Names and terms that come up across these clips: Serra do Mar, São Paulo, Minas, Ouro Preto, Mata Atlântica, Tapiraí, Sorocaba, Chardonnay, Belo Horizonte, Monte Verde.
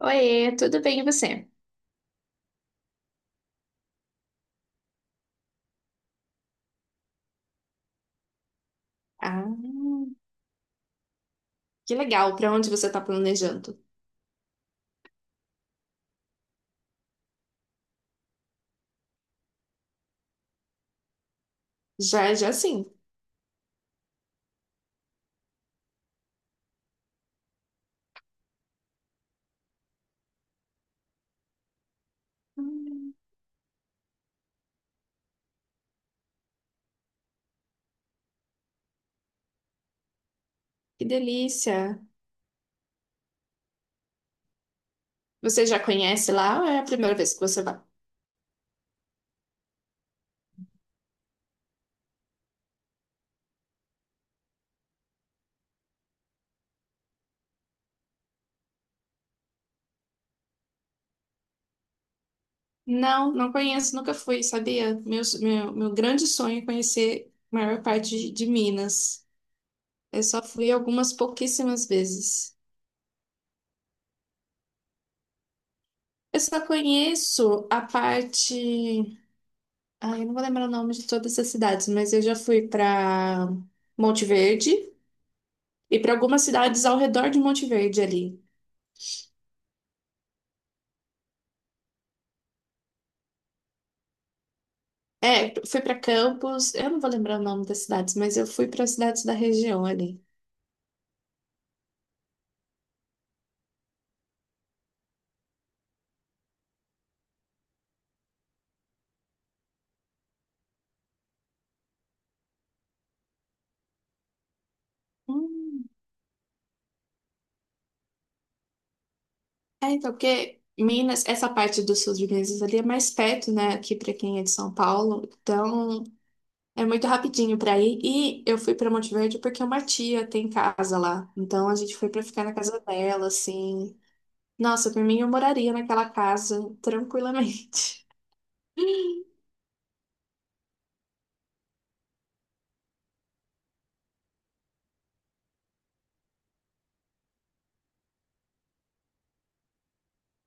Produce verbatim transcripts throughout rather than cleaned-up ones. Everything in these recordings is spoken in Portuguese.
Oiê, tudo bem e você? Ah, que legal. Para onde você está planejando? Já, já sim. Hum, Que delícia. Você já conhece lá ou é a primeira vez que você vai? Não, não conheço, nunca fui, sabia? Meu, meu, meu grande sonho é conhecer a maior parte de, de Minas. Eu só fui algumas pouquíssimas vezes. Eu só conheço a parte. Ah, eu não vou lembrar o nome de todas as cidades, mas eu já fui para Monte Verde. E para algumas cidades ao redor de Monte Verde ali. É, fui para Campos, eu não vou lembrar o nome das cidades, mas eu fui para cidades da região ali. Hum, É, então, porque Minas, essa parte do sul de Minas ali é mais perto, né, aqui para quem é de São Paulo, então é muito rapidinho para ir. E eu fui para Monte Verde porque uma tia tem casa lá, então a gente foi para ficar na casa dela, assim. Nossa, por mim eu moraria naquela casa tranquilamente.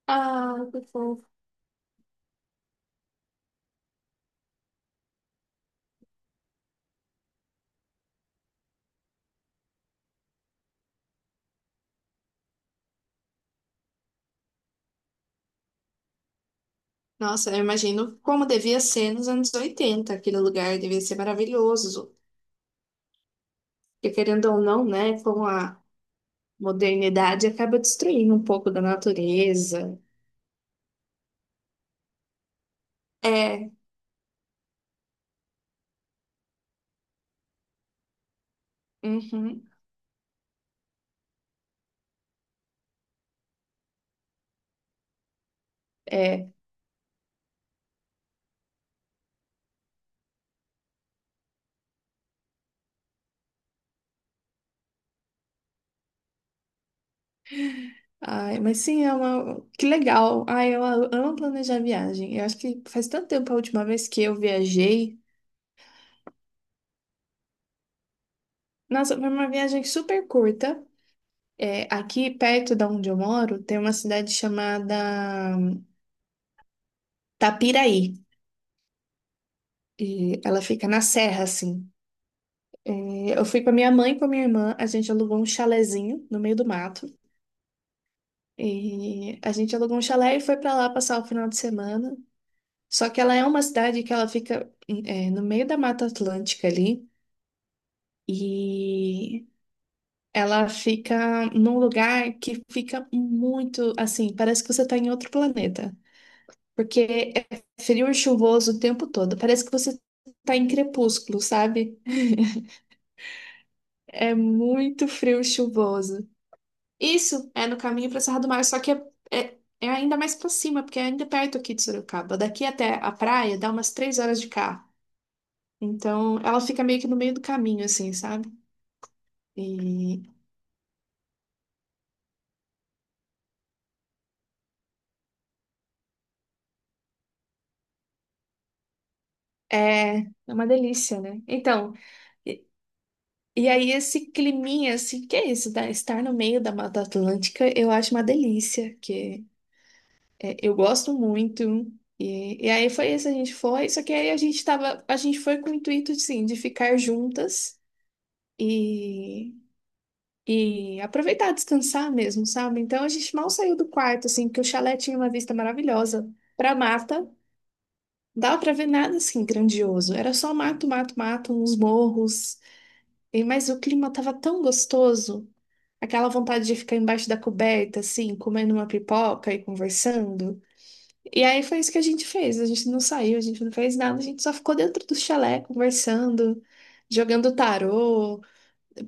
Ah, que fofo. Nossa, eu imagino como devia ser nos anos oitenta aquele lugar devia ser maravilhoso. E querendo ou não, né, com a modernidade acaba destruindo um pouco da natureza. É, uhum, é. Ai, mas sim, é uma... que legal. Ai, eu a- amo planejar viagem. Eu acho que faz tanto tempo a última vez que eu viajei. Nossa, foi uma viagem super curta. É, aqui perto da onde eu moro, tem uma cidade chamada Tapiraí. E ela fica na serra, assim. É, eu fui com a minha mãe e com a minha irmã, a gente alugou um chalezinho no meio do mato. E a gente alugou um chalé e foi pra lá passar o final de semana. Só que ela é uma cidade que ela fica é, no meio da Mata Atlântica ali e ela fica num lugar que fica muito assim, parece que você tá em outro planeta, porque é frio e chuvoso o tempo todo. Parece que você tá em crepúsculo, sabe? É muito frio e chuvoso. Isso é no caminho para Serra do Mar, só que é, é, é ainda mais para cima, porque é ainda perto aqui de Sorocaba. Daqui até a praia dá umas três horas de carro. Então ela fica meio que no meio do caminho, assim, sabe? E é, é uma delícia, né? Então, e, e aí esse climinha, assim, que é isso? da- Estar no meio da Mata Atlântica, eu acho uma delícia, que é, eu gosto muito. E, e aí foi isso, a gente foi, só que aí a gente tava, a gente foi com o intuito, assim, de ficar juntas. E E aproveitar, descansar mesmo, sabe? Então a gente mal saiu do quarto, assim, porque o chalé tinha uma vista maravilhosa pra mata. Dava pra ver nada assim grandioso. Era só mato, mato, mato, uns morros. E, mas o clima tava tão gostoso. Aquela vontade de ficar embaixo da coberta, assim, comendo uma pipoca e conversando. E aí foi isso que a gente fez. A gente não saiu, a gente não fez nada, a gente só ficou dentro do chalé conversando, jogando tarô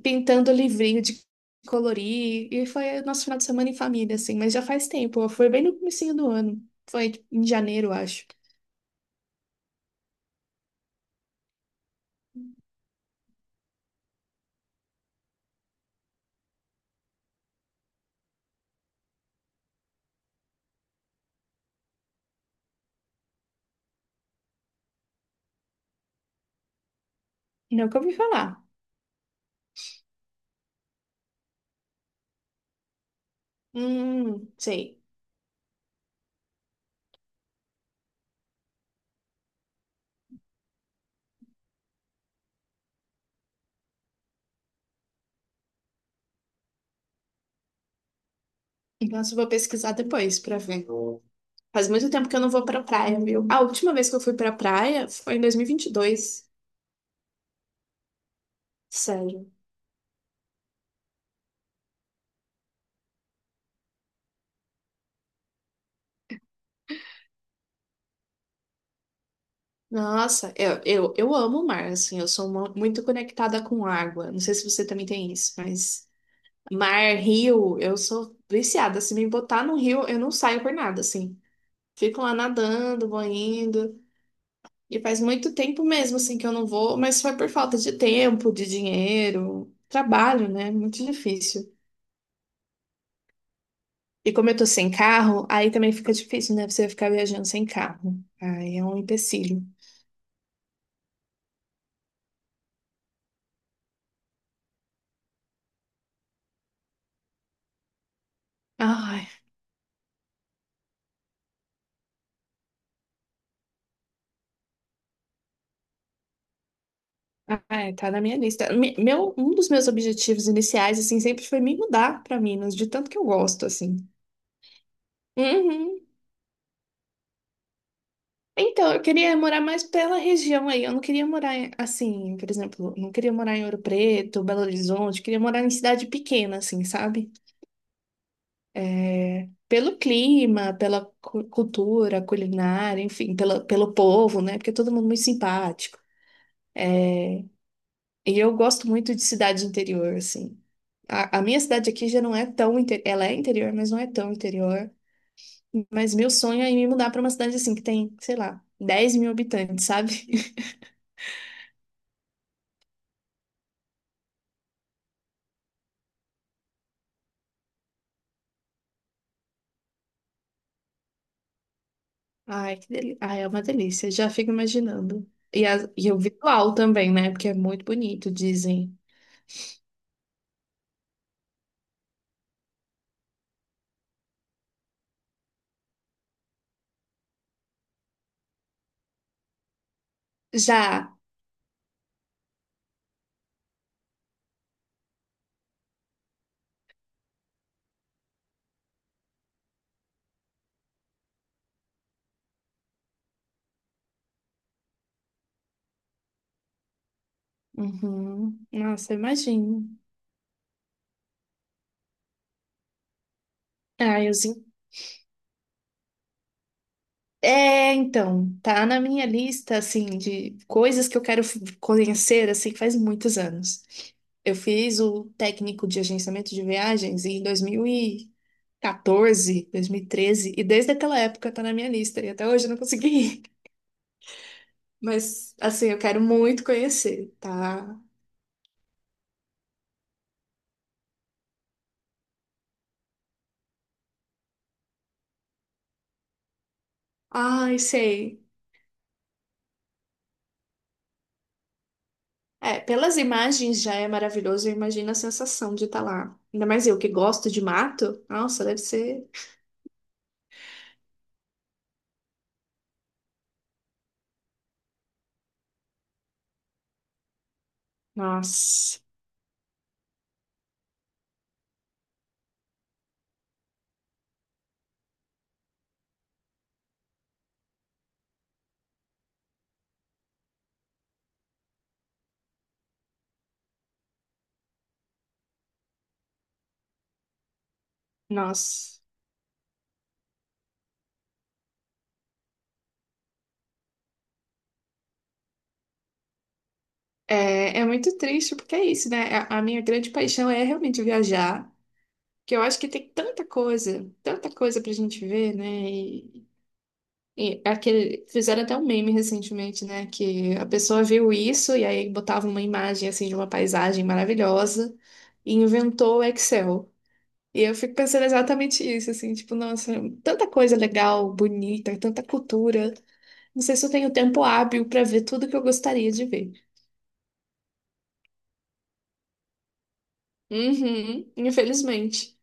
pintando livrinho de colorir. E foi o nosso final de semana em família, assim, mas já faz tempo. Foi bem no comecinho do ano. Foi tipo, em janeiro, acho. Não que eu ouvi falar. Hum, sei. Então eu vou pesquisar depois pra ver. Faz muito tempo que eu não vou pra praia, viu? A última vez que eu fui pra praia foi em dois mil e vinte e dois. Sério. Nossa, eu, eu, eu amo o mar, assim, eu sou mu- muito conectada com água. Não sei se você também tem isso, mas mar, rio, eu sou viciada. Se me botar no rio, eu não saio por nada, assim. Fico lá nadando, vou indo. E faz muito tempo mesmo, assim, que eu não vou, mas foi por falta de tempo, de dinheiro, trabalho, né? Muito difícil. E como eu tô sem carro, aí também fica difícil, né? Você ficar viajando sem carro. Aí é um empecilho. Ai, ai, tá na minha lista. Me- Meu, um dos meus objetivos iniciais, assim, sempre foi me mudar pra Minas, de tanto que eu gosto, assim. Uhum. Então, eu queria morar mais pela região aí. Eu não queria morar em- assim, por exemplo, não queria morar em Ouro Preto, Belo Horizonte, queria morar em cidade pequena, assim, sabe? É, pelo clima, pela cu- cultura, culinária, enfim, pela, pelo povo, né? Porque é todo mundo muito simpático. E eu gosto muito de cidade interior, assim. A, a minha cidade aqui já não é tão interior, ela é interior, mas não é tão interior. Mas meu sonho é me mudar para uma cidade assim que tem, sei lá, dez mil habitantes, sabe? Ai, que delícia. Ai, é uma delícia. Já fico imaginando. E, as- e o visual também, né? Porque é muito bonito, dizem. Já. Uhum. Nossa, imagino. Ai, eu sim. É, então, tá na minha lista, assim, de coisas que eu quero f- conhecer, assim, que faz muitos anos. Eu fiz o técnico de agenciamento de viagens em dois mil e quatorze, dois mil e treze, e quatorze, dois mil e treze, e desde aquela época tá na minha lista, e até hoje eu não consegui ir. Mas, assim, eu quero muito conhecer, tá? Ai, sei. É, pelas imagens já é maravilhoso, eu imagino a sensação de estar lá. Ainda mais eu que gosto de mato. Nossa, deve ser. Nossa, nossa. É, é muito triste, porque é isso, né? A, a minha grande paixão é realmente viajar, que eu acho que tem tanta coisa, tanta coisa pra gente ver, né? E, e aquele, fizeram até um meme recentemente, né? Que a pessoa viu isso e aí botava uma imagem assim de uma paisagem maravilhosa e inventou o Excel. E eu fico pensando exatamente isso, assim, tipo, nossa, tanta coisa legal, bonita, tanta cultura. Não sei se eu tenho tempo hábil para ver tudo que eu gostaria de ver. Uhum, infelizmente.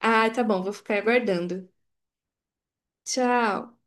Ai, tá bom, vou ficar aguardando. Tchau.